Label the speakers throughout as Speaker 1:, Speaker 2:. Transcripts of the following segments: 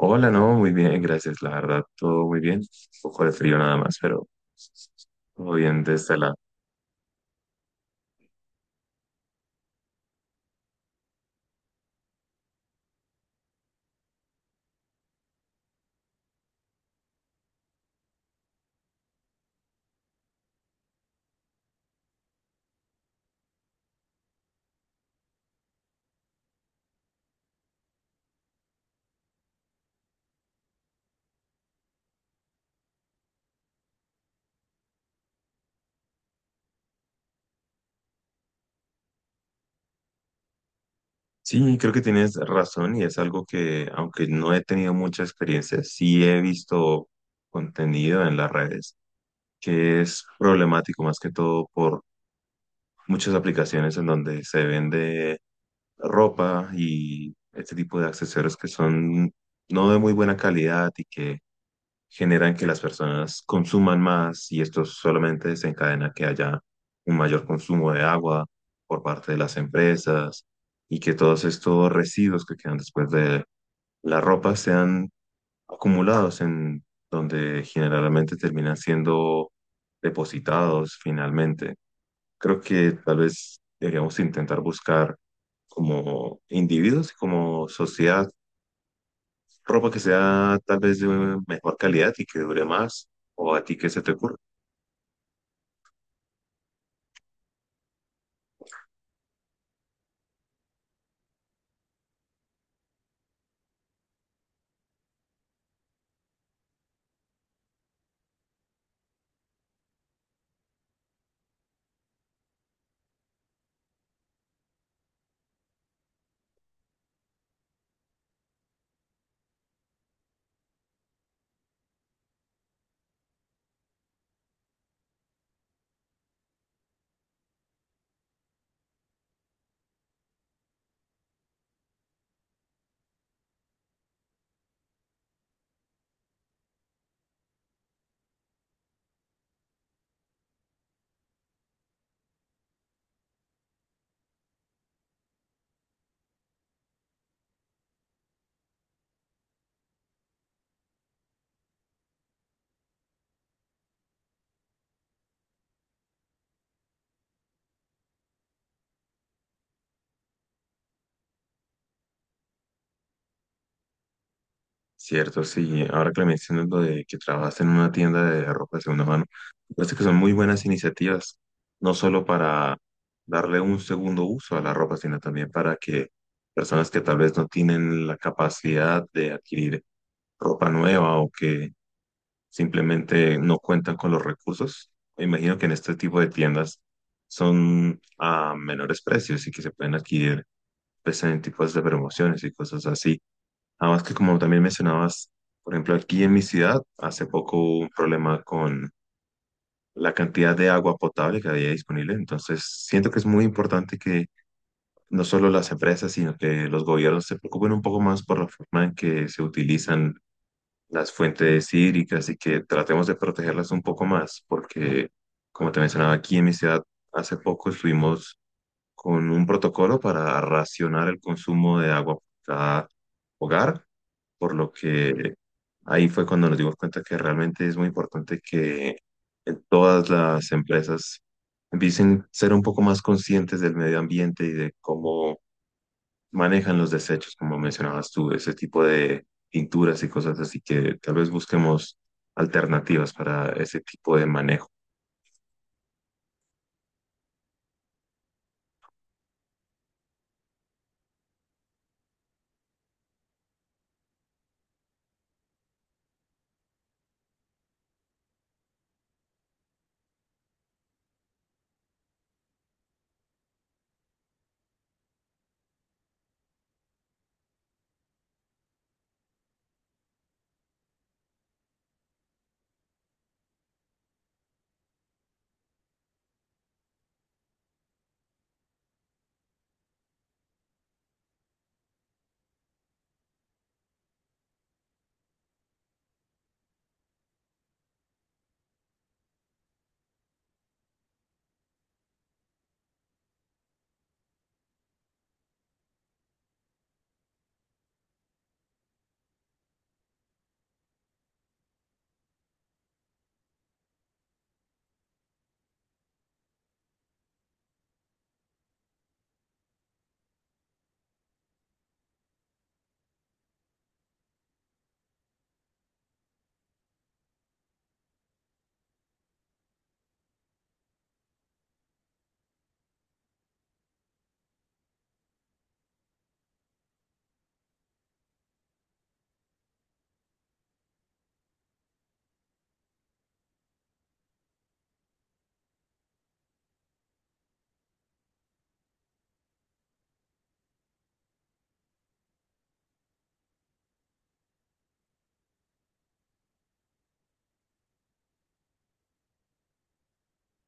Speaker 1: Hola, no, muy bien, gracias. La verdad, todo muy bien. Un poco de frío nada más, pero todo bien de este lado. Sí, creo que tienes razón y es algo que, aunque no he tenido mucha experiencia, sí he visto contenido en las redes, que es problemático más que todo por muchas aplicaciones en donde se vende ropa y este tipo de accesorios que son no de muy buena calidad y que generan que las personas consuman más, y esto solamente desencadena que haya un mayor consumo de agua por parte de las empresas y que todos estos residuos que quedan después de la ropa sean acumulados en donde generalmente terminan siendo depositados finalmente. Creo que tal vez deberíamos intentar buscar, como individuos y como sociedad, ropa que sea tal vez de mejor calidad y que dure más, o a ti qué se te ocurre. Cierto, sí, ahora que me mencionas lo de que trabajas en una tienda de ropa de segunda mano, me parece que son muy buenas iniciativas, no solo para darle un segundo uso a la ropa, sino también para que personas que tal vez no tienen la capacidad de adquirir ropa nueva o que simplemente no cuentan con los recursos, me imagino que en este tipo de tiendas son a menores precios y que se pueden adquirir pues en tipos de promociones y cosas así. Además, que como también mencionabas, por ejemplo, aquí en mi ciudad hace poco hubo un problema con la cantidad de agua potable que había disponible. Entonces, siento que es muy importante que no solo las empresas, sino que los gobiernos se preocupen un poco más por la forma en que se utilizan las fuentes hídricas y que tratemos de protegerlas un poco más, porque, como te mencionaba, aquí en mi ciudad hace poco estuvimos con un protocolo para racionar el consumo de agua por cada hogar, por lo que ahí fue cuando nos dimos cuenta que realmente es muy importante que en todas las empresas empiecen a ser un poco más conscientes del medio ambiente y de cómo manejan los desechos, como mencionabas tú, ese tipo de pinturas y cosas así, que tal vez busquemos alternativas para ese tipo de manejo.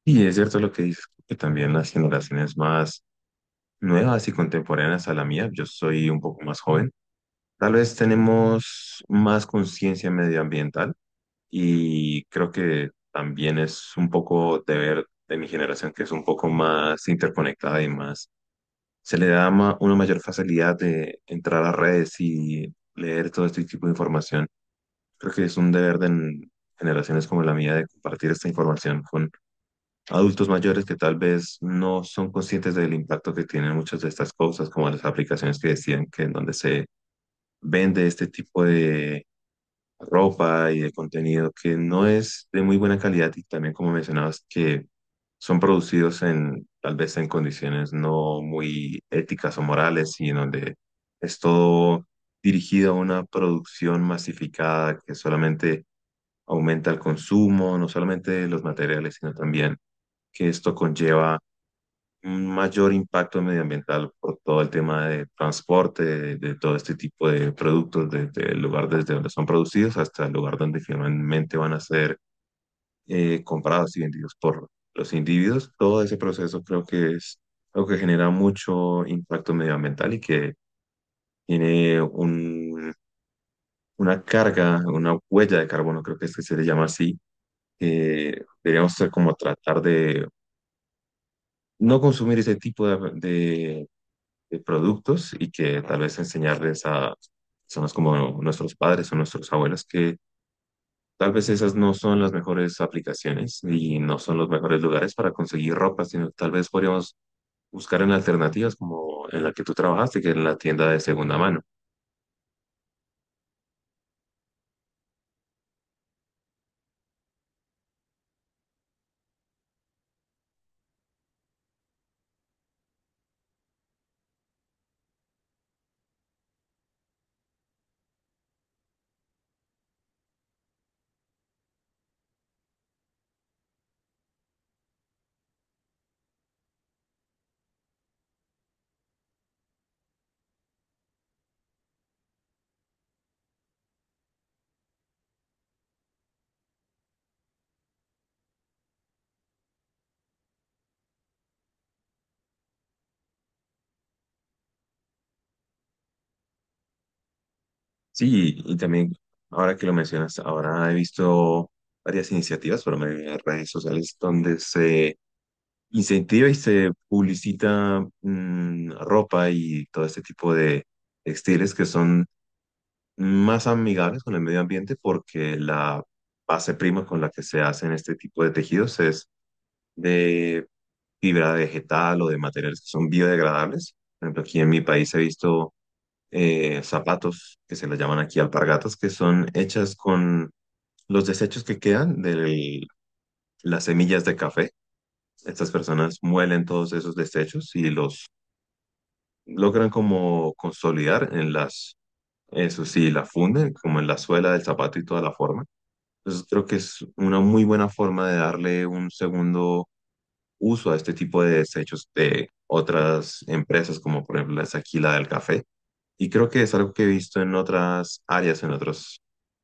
Speaker 1: Y es cierto lo que dices, que también las generaciones más nuevas y contemporáneas a la mía. Yo soy un poco más joven. Tal vez tenemos más conciencia medioambiental y creo que también es un poco deber de mi generación, que es un poco más interconectada y más se le da una mayor facilidad de entrar a redes y leer todo este tipo de información. Creo que es un deber de generaciones como la mía de compartir esta información con adultos mayores que tal vez no son conscientes del impacto que tienen muchas de estas cosas, como las aplicaciones que decían, que en donde se vende este tipo de ropa y de contenido que no es de muy buena calidad y también, como mencionabas, que son producidos en tal vez en condiciones no muy éticas o morales y en donde es todo dirigido a una producción masificada que solamente aumenta el consumo, no solamente de los materiales, sino también que esto conlleva un mayor impacto medioambiental por todo el tema de transporte, de todo este tipo de productos, desde el lugar desde donde son producidos hasta el lugar donde finalmente van a ser comprados y vendidos por los individuos. Todo ese proceso creo que es algo que genera mucho impacto medioambiental y que tiene una carga, una huella de carbono, creo que es que se le llama así. Deberíamos ser, como tratar de no consumir ese tipo de productos, y que tal vez enseñarles a personas como nuestros padres o nuestros abuelos que tal vez esas no son las mejores aplicaciones y no son los mejores lugares para conseguir ropa, sino tal vez podríamos buscar en alternativas como en la que tú trabajaste, que es la tienda de segunda mano. Sí, y también ahora que lo mencionas, ahora he visto varias iniciativas por medio de redes sociales donde se incentiva y se publicita ropa y todo este tipo de textiles que son más amigables con el medio ambiente porque la base prima con la que se hacen este tipo de tejidos es de fibra vegetal o de materiales que son biodegradables. Por ejemplo, aquí en mi país he visto zapatos que se les llaman aquí alpargatas, que son hechas con los desechos que quedan de las semillas de café. Estas personas muelen todos esos desechos y los logran como consolidar en las, eso sí, la funden como en la suela del zapato y toda la forma. Entonces creo que es una muy buena forma de darle un segundo uso a este tipo de desechos de otras empresas, como por ejemplo es aquí la del café. Y creo que es algo que he visto en otras áreas, en otras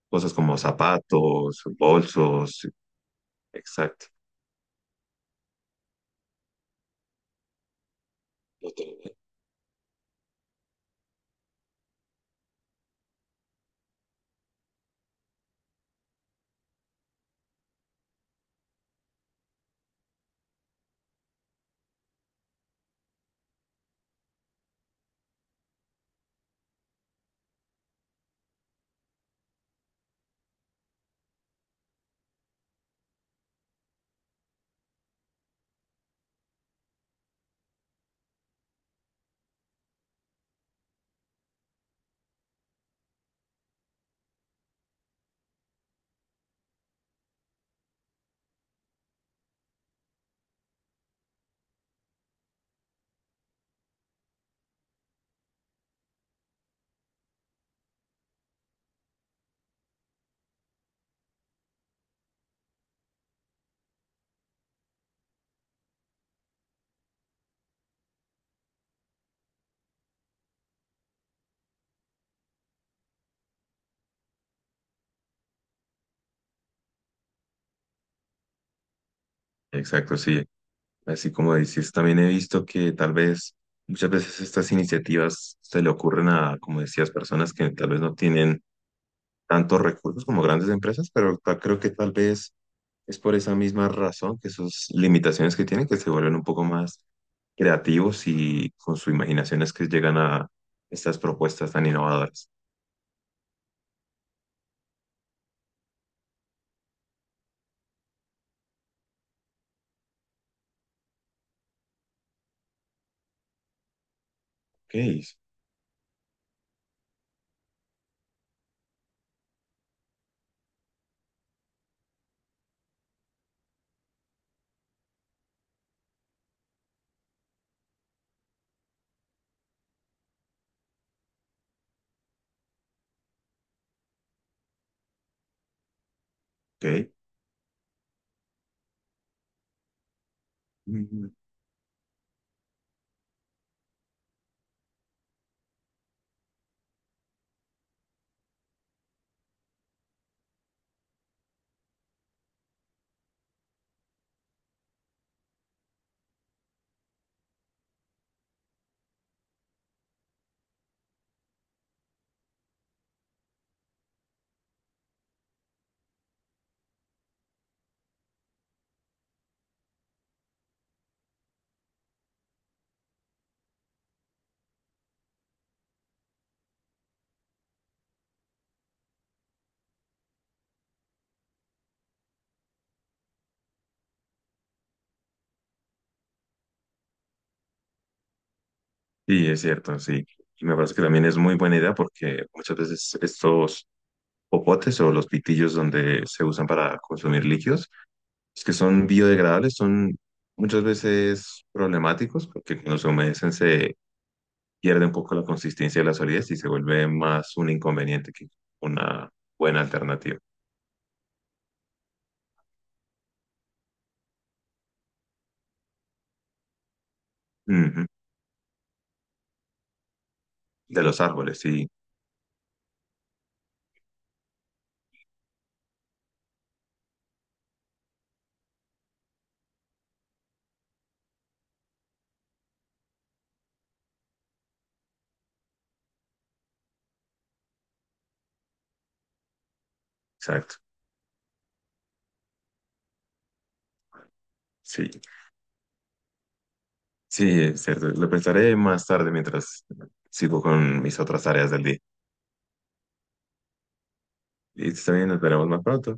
Speaker 1: cosas como zapatos, bolsos. Exacto, exacto, sí. Así como dices, también he visto que tal vez muchas veces estas iniciativas se le ocurren a, como decías, personas que tal vez no tienen tantos recursos como grandes empresas, pero creo que tal vez es por esa misma razón, que sus limitaciones que tienen, que se vuelven un poco más creativos y con su imaginación es que llegan a estas propuestas tan innovadoras. Ok, ok. Mm. Sí, es cierto, sí. Y me parece que también es muy buena idea porque muchas veces estos popotes o los pitillos donde se usan para consumir líquidos, los que son biodegradables son muchas veces problemáticos porque cuando se humedecen se pierde un poco la consistencia de la solidez y se vuelve más un inconveniente que una buena alternativa. Ujú. De los árboles, sí, exacto. Sí, sí, es cierto. Lo pensaré más tarde mientras sigo con mis otras áreas del día. Y también nos veremos más pronto.